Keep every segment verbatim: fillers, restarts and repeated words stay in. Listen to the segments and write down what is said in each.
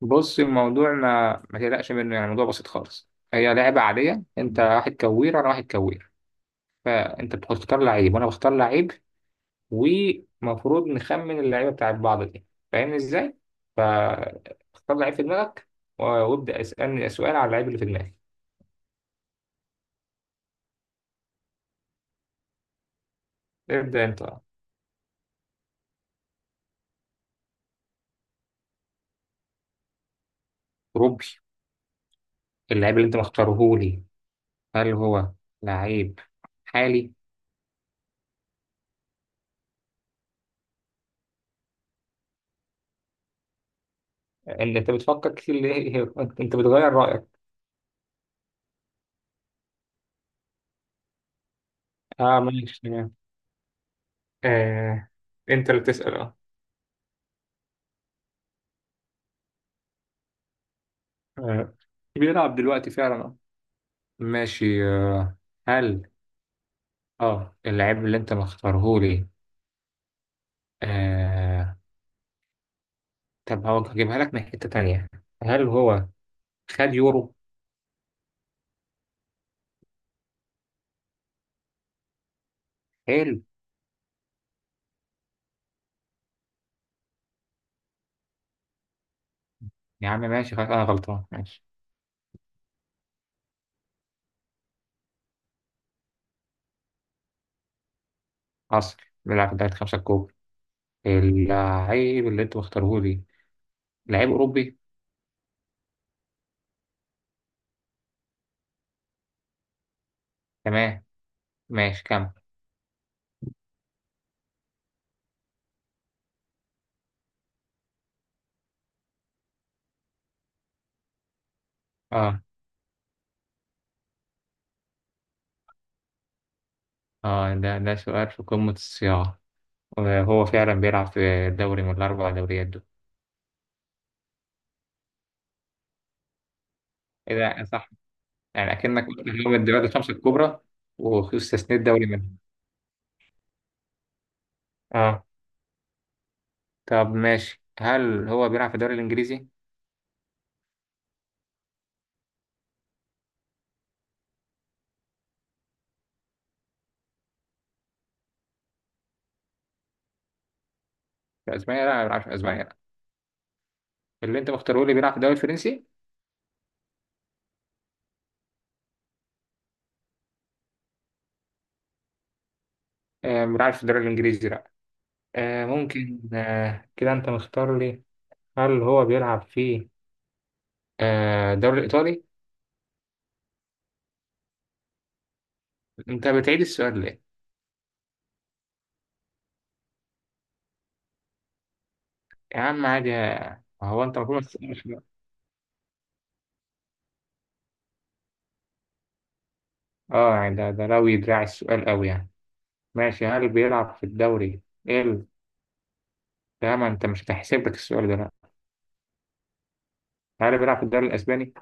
بص، الموضوع ما ما تقلقش منه، يعني الموضوع بسيط خالص، هي لعبة عادية، انت واحد كوير، انا واحد كوير. فانت بتختار لعيب، وانا بختار لعيب، ومفروض نخمن اللعيبة بتاعت بعض دي. فاهمني ازاي؟ فاختار لعيب في دماغك، و- وابدأ اسألني سؤال على اللعيب اللي في دماغي. ابدأ انت. روبي. اللعيب اللي انت مختاره لي، هل هو لعيب حالي؟ ان انت بتفكر كتير ليه؟ انت بتغير رأيك. اه، ماشي، تمام. آه، انت اللي بتسأل. اه. آه، بيلعب دلوقتي فعلا. آه. ماشي. آه، هل اه اللعيب اللي انت مختاره لي، آه طب هو هجيبها لك من حتة تانية. هل هو خد يورو؟ حلو. يا عم ماشي، خلاص انا غلطان. ماشي. حصل. بيلعب في دوري خمسة الكبرى. اللعيب اللي انت مختاره لي لعيب اوروبي. تمام. ماشي، كمل. اه، اه، ده ده سؤال في قمة الصياغة، وهو فعلا بيلعب في دوري من الأربع دوريات دول. إيه ده، صح. يعني أكنك قلت إن هو من الدوريات الخمسة الكبرى، واستثنيت دوري منها. اه، طب ماشي، هل هو بيلعب في الدوري الإنجليزي؟ في أسبانيا؟ لا، ما بيلعبش في أسبانيا، لا. اللي أنت مختاره لي بيلعب في الدوري الفرنسي؟ آه، ما بيلعبش في الدوري الإنجليزي، لا. آه، ممكن. آه كده أنت مختار لي. هل هو بيلعب في آه الدوري الإيطالي؟ أنت بتعيد السؤال ليه؟ يا عم عادي. آه، هو أنت المفروض ما تسألش بقى. اه، يعني ده ده لو يدراع السؤال قوي يعني. ماشي، هل بيلعب في الدوري ال ده، ما أنت مش هتحسب لك السؤال ده، لا. هل بيلعب في الدوري الاسباني؟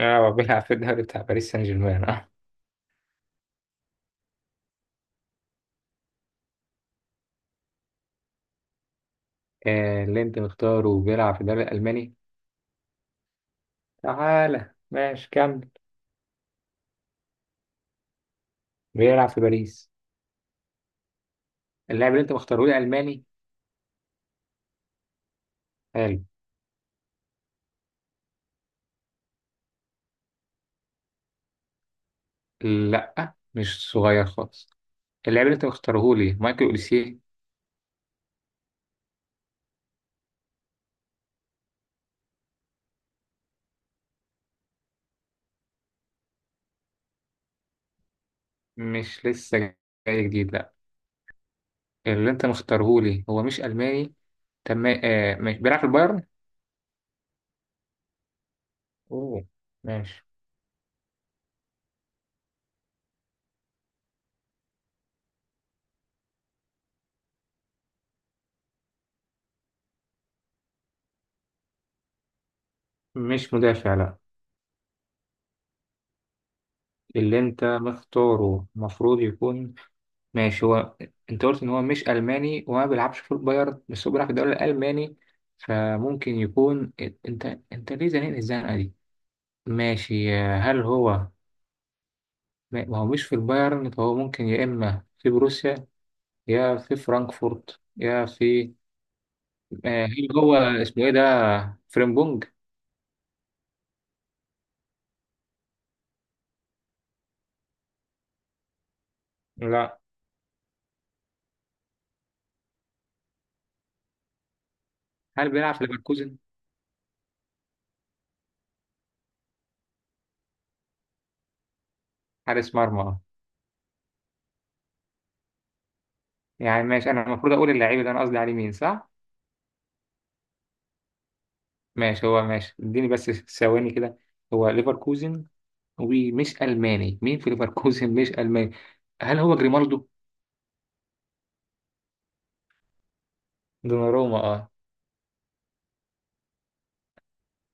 اه، بيلعب في الدوري بتاع باريس سان جيرمان، اه. آه، اللي انت مختاره بيلعب في الدوري الالماني. تعالى ماشي، كمل. بيلعب في باريس. اللاعب اللي انت مختاره لي الماني. حلو. لا، مش صغير خالص. اللاعب اللي انت مختاره لي مايكل اوليسيه. مش لسه جاي جديد، لا. اللي انت مختاره لي هو مش الماني. تمام. آه مش بيلعب في البايرن. اوه، ماشي. مش مدافع، لا. اللي انت مختاره المفروض يكون. ماشي، هو، انت قلت ان هو مش الماني وما بيلعبش في البايرن، بس هو بيلعب في الدوري الالماني، فممكن يكون. انت انت ليه زنقني الزنقه دي؟ ماشي، هل هو، ما ما هو مش في البايرن، فهو ممكن يا اما في بروسيا، يا في فرانكفورت، يا في. آه، هل هو اسمه ايه ده، فريمبونج؟ لا. هل بيلعب في ليفركوزن؟ حارس مرمى. يعني ماشي، انا المفروض اقول اللعيب اللي انا قصدي عليه مين، صح. ماشي، هو ماشي، اديني بس ثواني كده. هو ليفركوزن، ومش ألماني، مين في ليفركوزن مش ألماني؟ هل هو جريمالدو؟ دوناروما، اه.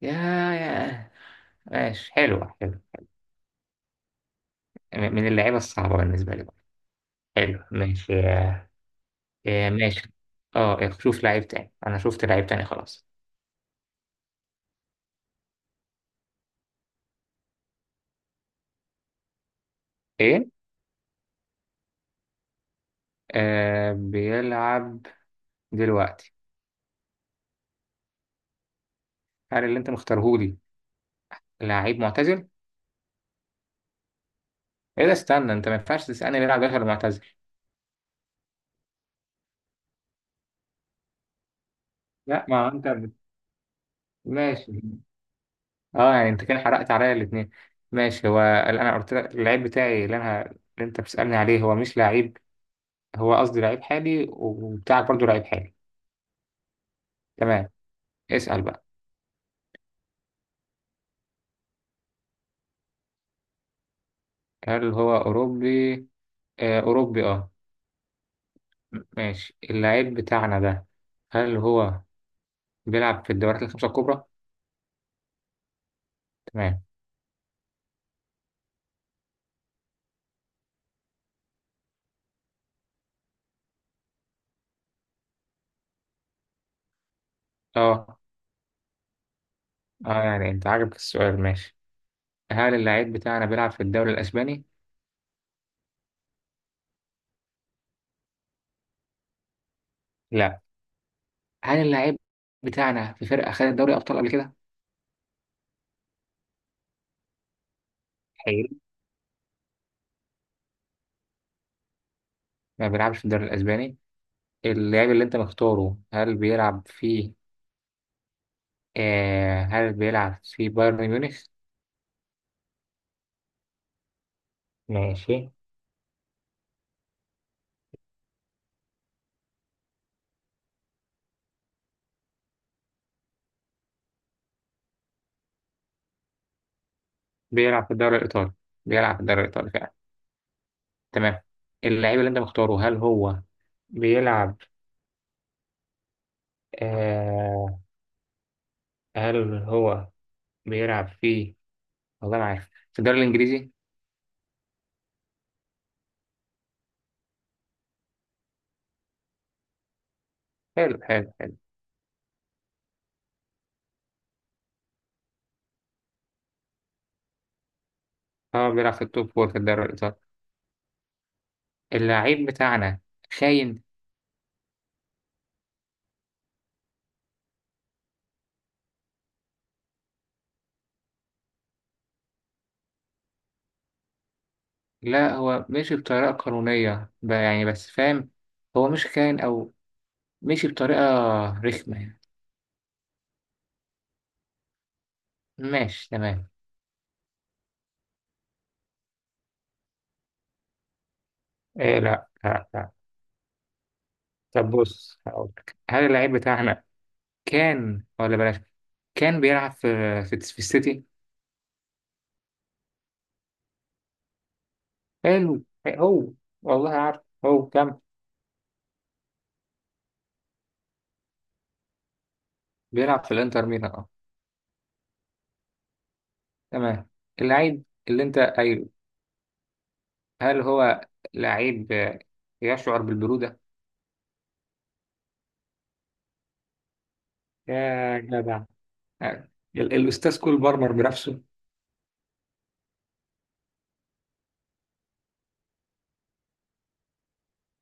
يا يا ماشي، حلوة حلوة. م- من اللعيبة الصعبة بالنسبة لي برضه. حلو ماشي. آه، آه، ماشي. اه، آه، شوف لعيب تاني، أنا شفت لعيب تاني خلاص. إيه؟ آه، بيلعب دلوقتي. هل اللي أنت مختارهولي لعيب معتزل؟ إيه ده، استنى، أنت ما ينفعش تسألني بيلعب دلوقتي ولا معتزل. لا، ما هو أنت بت- ماشي. اه، يعني انت كده حرقت عليا الاثنين. ماشي، هو اللي انا قلت لك اللعيب بتاعي، اللي انا اللي انت بتسألني عليه، هو مش لعيب، هو قصدي لعيب حالي، وبتاعك برضو لعيب حالي. تمام. اسأل بقى. هل هو اوروبي؟ آه، اوروبي، اه. ماشي. اللعيب بتاعنا ده، هل هو بيلعب في الدوريات الخمسة الكبرى؟ تمام. اه، اه، يعني انت عاجبك السؤال، ماشي. هل اللعيب بتاعنا بيلعب في الدوري الاسباني؟ لا. هل اللعيب بتاعنا في فرقة خدت دوري ابطال قبل كده؟ حلو. ما بيلعبش في الدوري الاسباني. اللاعب اللي انت مختاره، هل بيلعب في آه هل بيلعب في بايرن ميونخ؟ ماشي. بيلعب في الدوري الإيطالي. بيلعب في الدوري الإيطالي فعلا. تمام. اللاعب اللي أنت مختاره، هل هو بيلعب، آه هل هو بيلعب في، والله ما عارف، في الدوري الإنجليزي؟ حلو، حلو، حلو. هو بيلعب في التوب فور في الدوري الإيطالي. اللاعب بتاعنا خاين. لا، هو مشي بطريقة قانونية، ب- يعني بس فاهم، هو مش خاين، أو مشي بطريقة رخمة يعني. ماشي تمام. إيه، لا، لا، لا. طب بص هقولك، هل اللعيب بتاعنا كان، ولا بلاش، كان بيلعب في في, في السيتي. حلو. إيه هو، والله عارف هو كان. بيلعب في الانتر ميلان، اه. تمام. اللعيب اللي انت قايله، هل هو لعيب آه، يشعر بالبرودة؟ يا جدع. آه، ال- الأستاذ كول بارمر بنفسه.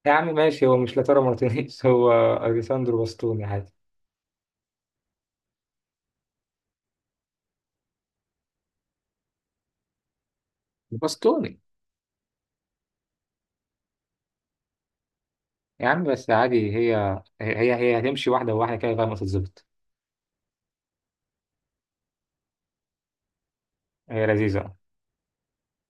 يا عم ماشي، هو مش لاتارو مارتينيز، هو أليساندرو باستوني، عادي. باستوني. يا عم بس عادي، هي هي هي هتمشي واحدة واحدة كده لغاية ما تتظبط. هي لذيذة.